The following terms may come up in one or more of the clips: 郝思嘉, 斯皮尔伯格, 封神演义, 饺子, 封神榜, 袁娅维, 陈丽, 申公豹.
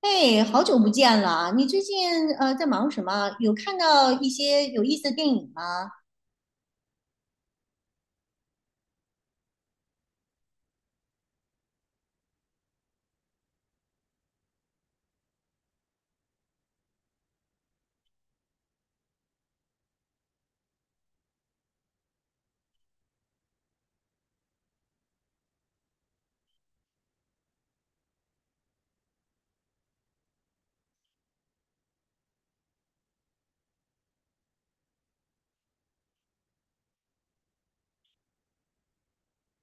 哎，好久不见了！你最近在忙什么？有看到一些有意思的电影吗？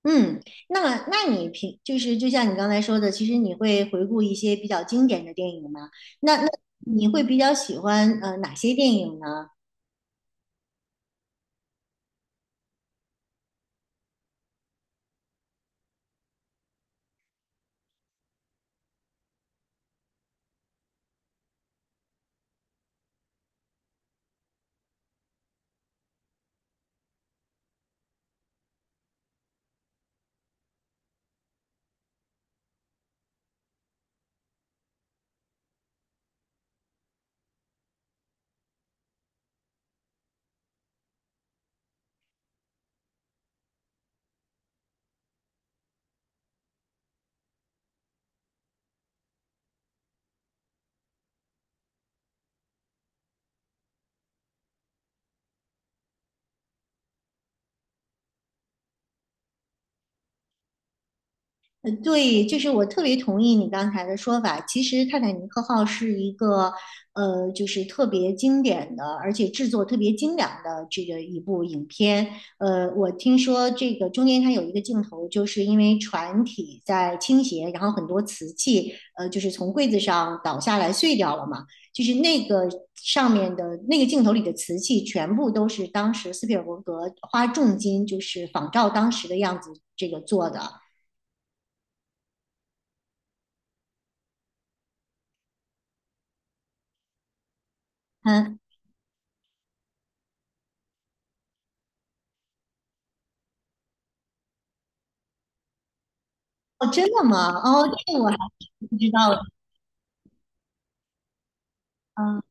嗯，那你平就是就像你刚才说的，其实你会回顾一些比较经典的电影吗？那你会比较喜欢哪些电影呢？对，就是我特别同意你刚才的说法。其实《泰坦尼克号》是一个，就是特别经典的，而且制作特别精良的这个一部影片。我听说这个中间它有一个镜头，就是因为船体在倾斜，然后很多瓷器，就是从柜子上倒下来碎掉了嘛。就是那个上面的那个镜头里的瓷器，全部都是当时斯皮尔伯格花重金，就是仿照当时的样子这个做的。嗯。哦，真的吗？哦，这个我还不知道。嗯，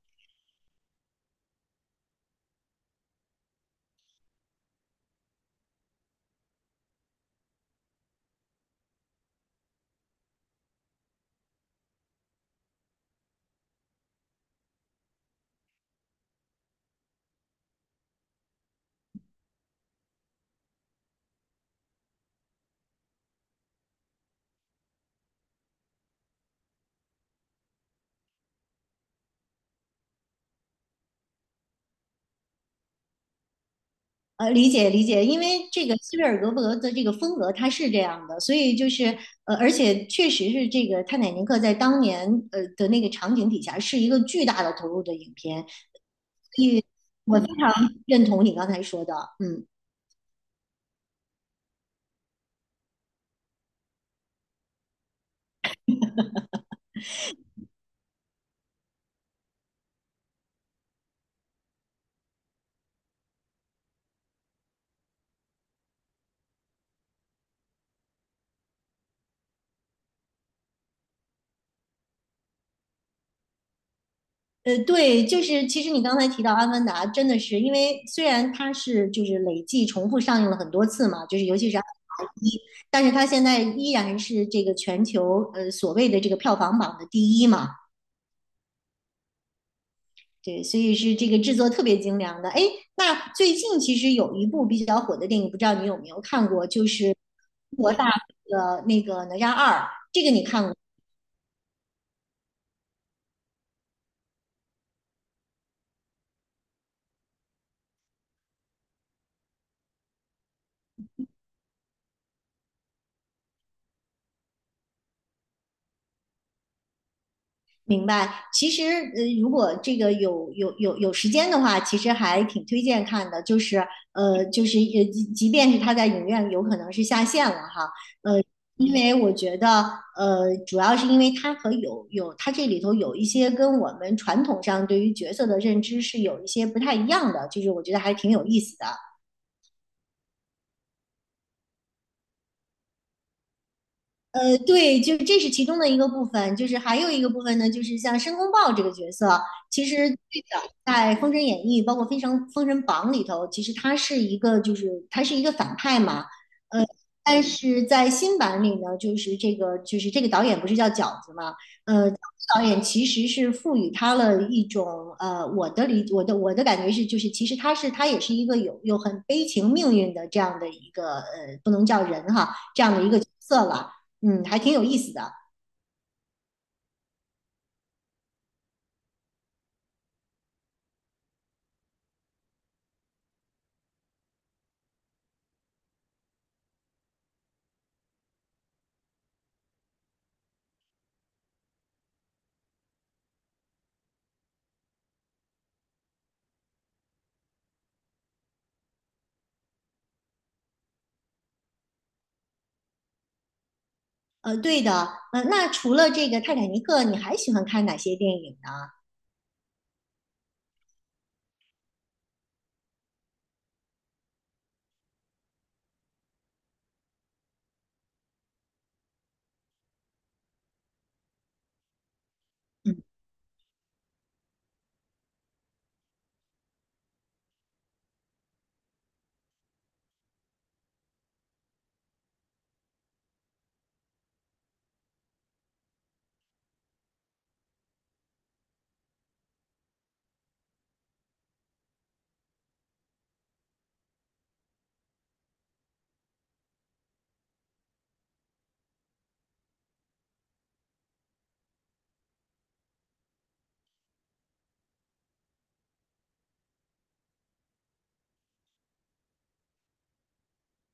理解，因为这个斯皮尔格伯的这个风格他是这样的，所以就是而且确实是这个《泰坦尼克》在当年的那个场景底下是一个巨大的投入的影片，所以我非常认同你刚才说的，嗯。对，就是其实你刚才提到《阿凡达》，真的是因为虽然它是就是累计重复上映了很多次嘛，就是尤其是《阿凡达一》，但是它现在依然是这个全球所谓的这个票房榜的第一嘛，对，所以是这个制作特别精良的。哎，那最近其实有一部比较火的电影，不知道你有没有看过，就是中国大陆的那个《哪吒二》，这个你看过？明白，其实如果这个有时间的话，其实还挺推荐看的。就是就是即便是它在影院有可能是下线了哈，呃，因为我觉得主要是因为它和它这里头有一些跟我们传统上对于角色的认知是有一些不太一样的，就是我觉得还挺有意思的。对，就是这是其中的一个部分，就是还有一个部分呢，就是像申公豹这个角色，其实最早在《封神演义》包括《封神封神榜》里头，其实他是一个就是他是一个反派嘛，呃，但是在新版里呢，就是这个导演不是叫饺子嘛，呃，导演其实是赋予他了一种我的理我的我的感觉是，就是其实他是他也是一个有很悲情命运的这样的一个不能叫人哈，这样的一个角色了。嗯，还挺有意思的。对的，那除了这个《泰坦尼克》，你还喜欢看哪些电影呢？嗯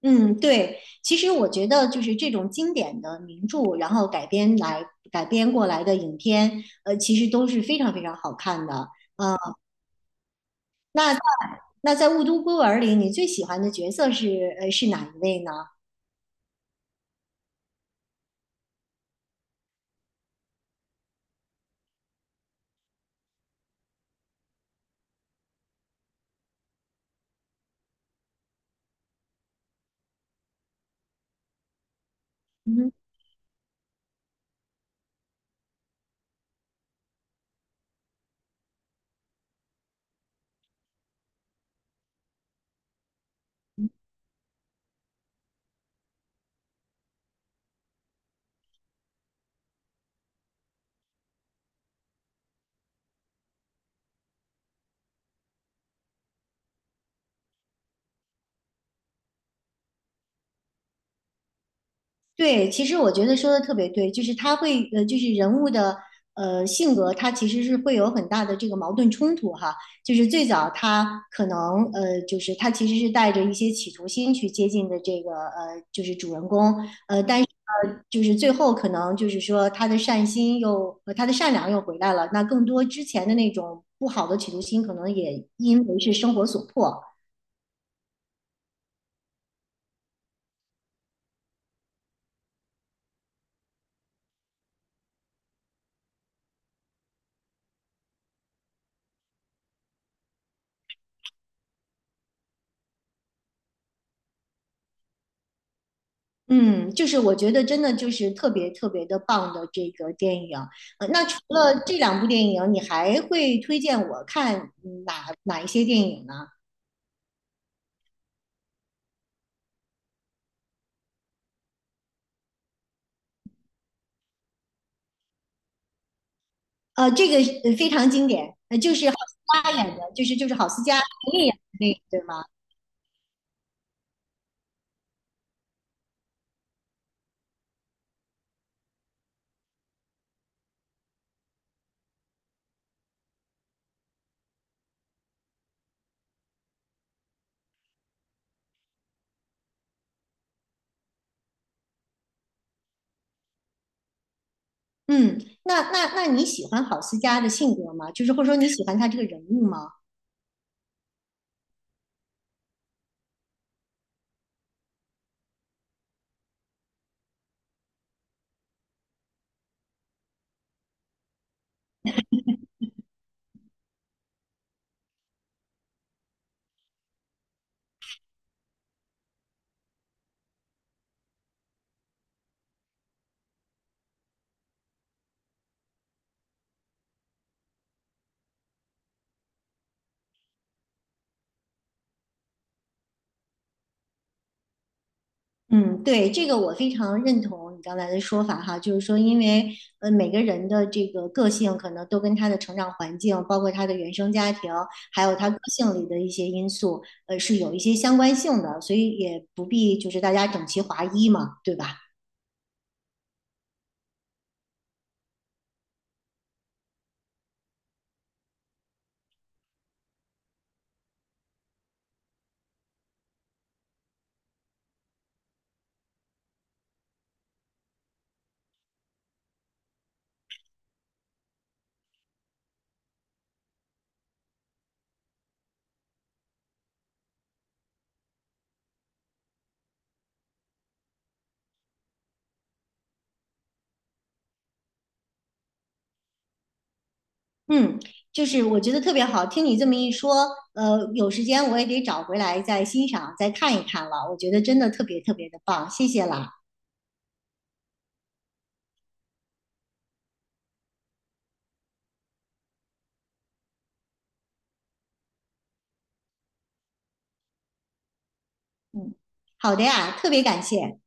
嗯，对，其实我觉得就是这种经典的名著，然后改编来改编过来的影片，其实都是非常非常好看的。那在《雾都孤儿》里，你最喜欢的角色是是哪一位呢？对，其实我觉得说的特别对，就是他会就是人物的性格，他其实是会有很大的这个矛盾冲突哈。就是最早他可能就是他其实是带着一些企图心去接近的这个就是主人公但是就是最后可能就是说他的善心又他的善良又回来了，那更多之前的那种不好的企图心，可能也因为是生活所迫。嗯，就是我觉得真的就是特别特别的棒的这个电影。那除了这两部电影，你还会推荐我看嗯哪一些电影呢？这个非常经典，就是郝思嘉演的，就是郝思嘉陈丽演的那个，对吗？嗯，那你喜欢郝思嘉的性格吗？就是或者说你喜欢他这个人物吗？嗯，对，这个我非常认同你刚才的说法哈，就是说，因为每个人的这个个性可能都跟他的成长环境，包括他的原生家庭，还有他个性里的一些因素，是有一些相关性的，所以也不必就是大家整齐划一嘛，对吧？嗯，就是我觉得特别好，听你这么一说，有时间我也得找回来再欣赏、再看一看了，我觉得真的特别特别的棒，谢谢啦。嗯，好的呀，特别感谢。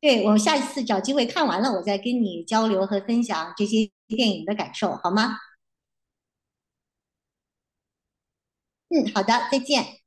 对我下一次找机会看完了，我再跟你交流和分享这些电影的感受，好吗？嗯，好的，再见。